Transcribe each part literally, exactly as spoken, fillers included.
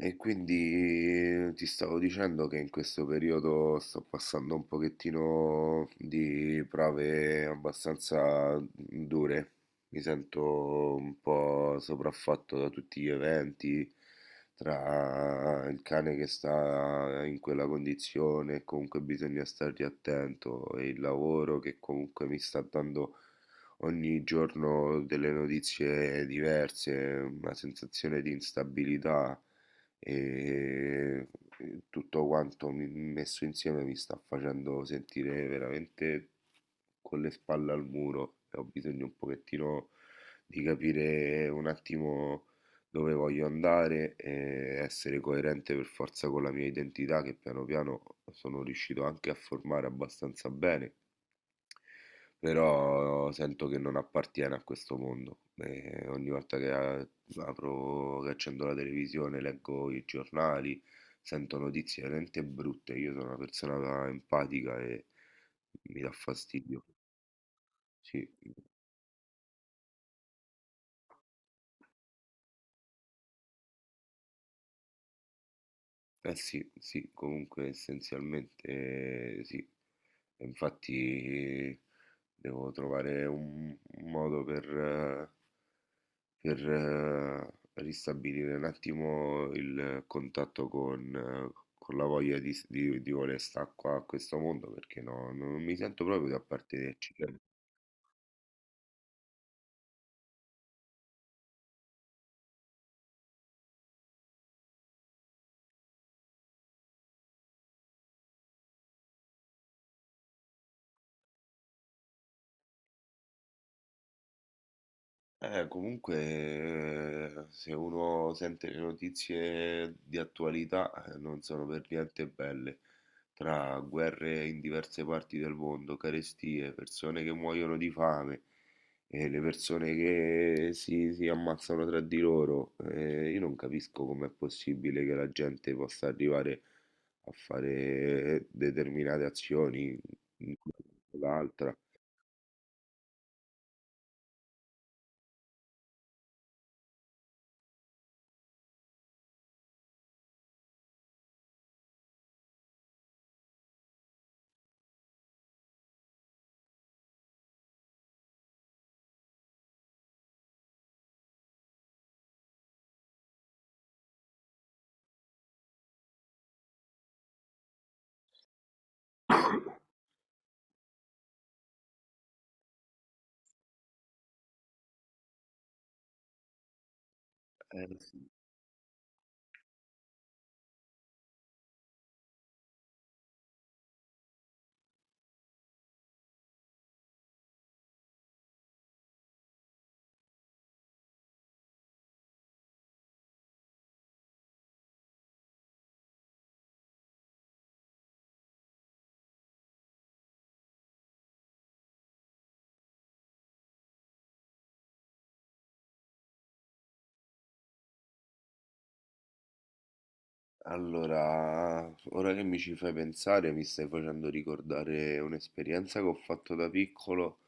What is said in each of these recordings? E quindi ti stavo dicendo che in questo periodo sto passando un pochettino di prove abbastanza dure. Mi sento un po' sopraffatto da tutti gli eventi, tra il cane che sta in quella condizione, e comunque bisogna stargli attento, e il lavoro che comunque mi sta dando ogni giorno delle notizie diverse, una sensazione di instabilità e e tutto quanto mi- messo insieme mi sta facendo sentire veramente con le spalle al muro, e ho bisogno un pochettino di capire un attimo dove voglio andare e essere coerente per forza con la mia identità, che piano piano sono riuscito anche a formare abbastanza bene, però sento che non appartiene a questo mondo. E ogni volta che a- apro, che accendo la televisione, leggo i giornali, sento notizie veramente brutte. Io sono una persona empatica e mi dà fastidio. Sì. Eh sì, sì, comunque essenzialmente eh, sì. E infatti devo trovare un un modo per, eh, per eh, ristabilire un attimo il contatto con, eh, con la voglia di, s- di, di voler stare qua a questo mondo, perché no, non mi sento proprio di appartenerci. Eh, comunque, eh, se uno sente le notizie di attualità, eh, non sono per niente belle. Tra guerre in diverse parti del mondo, carestie, persone che muoiono di fame, e le persone che si, si ammazzano tra di loro, eh, io non capisco com'è possibile che la gente possa arrivare a fare determinate azioni, l'altra. Allora, ora che mi ci fai pensare, mi stai facendo ricordare un'esperienza che ho fatto da piccolo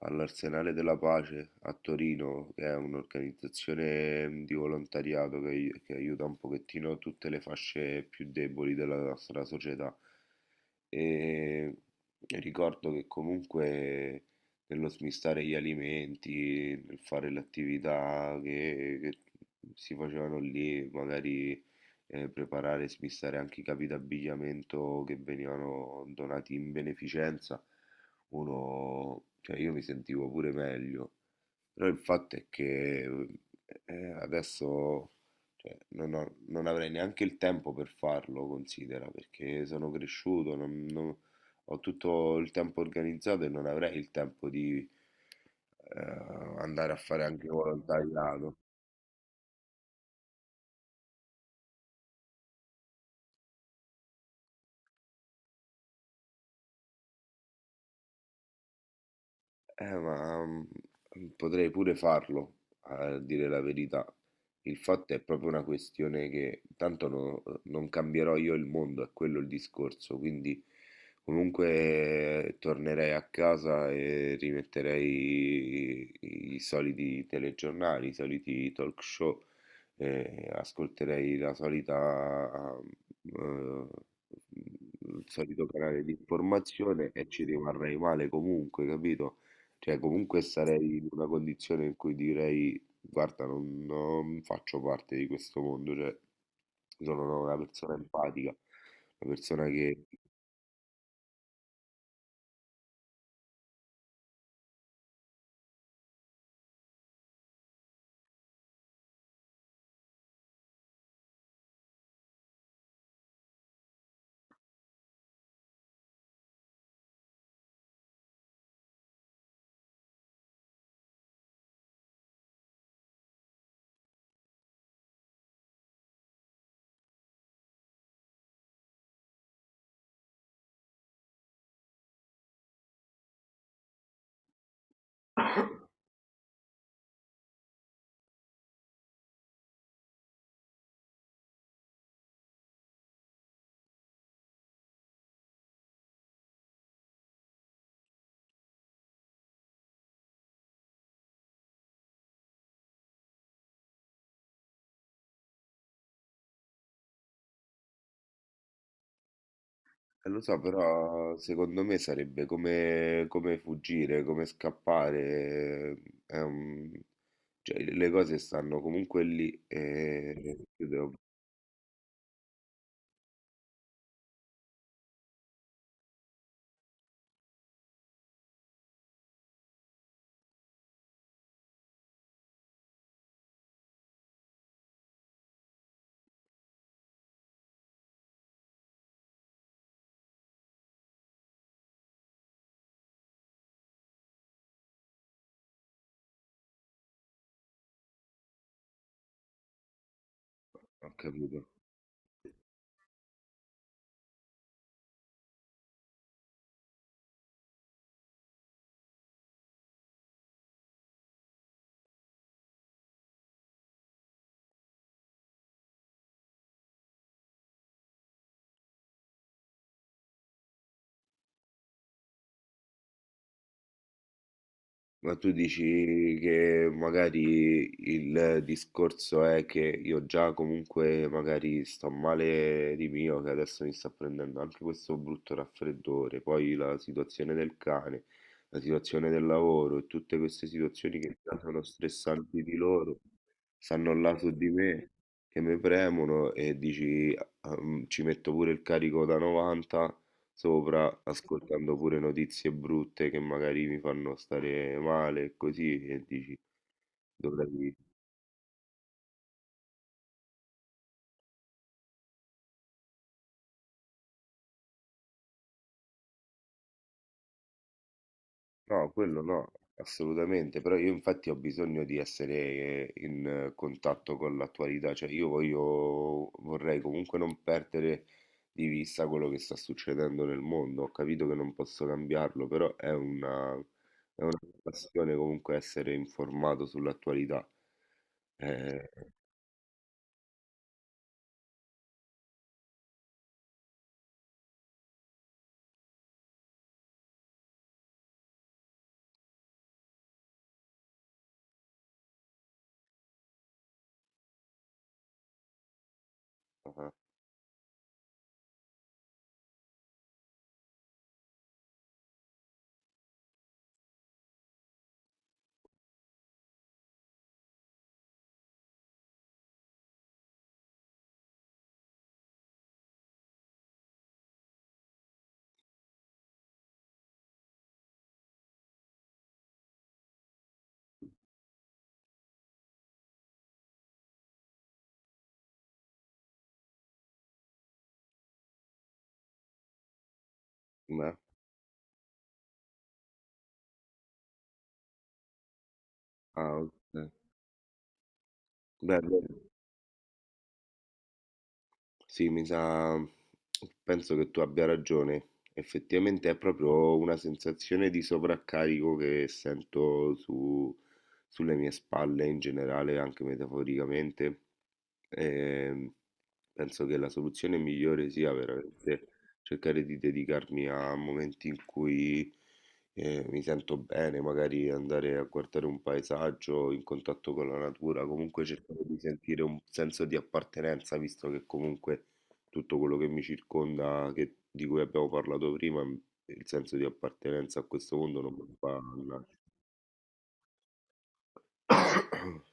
all'Arsenale della Pace a Torino, che è un'organizzazione di volontariato che, ai- che aiuta un pochettino tutte le fasce più deboli della nostra società. E ricordo che comunque nello smistare gli alimenti, nel fare le attività che che si facevano lì, magari eh, preparare e smistare anche i capi d'abbigliamento che venivano donati in beneficenza, uno, cioè io mi sentivo pure meglio, però il fatto è che eh, adesso, cioè, non ho- non avrei neanche il tempo per farlo, considera, perché sono cresciuto, non- non- ho tutto il tempo organizzato e non avrei il tempo di eh, andare a fare anche volontariato. Eh, ma mm, potrei pure farlo, a dire la verità. Il fatto è proprio una questione che tanto no- non cambierò io il mondo, è quello il discorso, quindi comunque eh, tornerei a casa e rimetterei i, i soliti telegiornali, i soliti talk show, eh, ascolterei la solita, eh, mm, il solito canale di informazione, e ci rimarrei male comunque, capito? Cioè, comunque sì, sarei in una condizione in cui direi, guarda, non, non faccio parte di questo mondo, cioè, sono una persona empatica, una persona che, eh, lo so, però secondo me sarebbe come, come fuggire, come scappare, è un- cioè, le cose stanno comunque lì e io devo, ho capito. Ma tu dici che magari il discorso è che io già comunque magari sto male di mio, che adesso mi sta prendendo anche questo brutto raffreddore, poi la situazione del cane, la situazione del lavoro e tutte queste situazioni che già sono stressanti di loro, stanno là su di me, che mi premono, e dici ah, mm, ci metto pure il carico da novanta sopra, ascoltando pure notizie brutte che magari mi fanno stare male e così, e dici dovrei... No, quello no, assolutamente, però io infatti ho bisogno di essere eh, in eh, contatto con l'attualità, cioè io voglio, vorrei comunque non perdere di vista quello che sta succedendo nel mondo, ho capito che non posso cambiarlo, però è una, è una passione comunque essere informato sull'attualità. Eh, ah, ma- ah, ok. Beh, beh, sì, mi sa, penso che tu abbia ragione. Effettivamente è proprio una sensazione di sovraccarico che sento su- sulle mie spalle in generale, anche metaforicamente. E penso che la soluzione migliore sia veramente cercare di dedicarmi a momenti in cui eh, mi sento bene, magari andare a guardare un paesaggio in contatto con la natura, comunque cercare di sentire un senso di appartenenza, visto che comunque tutto quello che mi circonda, che- di cui abbiamo parlato prima, il senso di appartenenza a questo mondo non me lo fa nulla.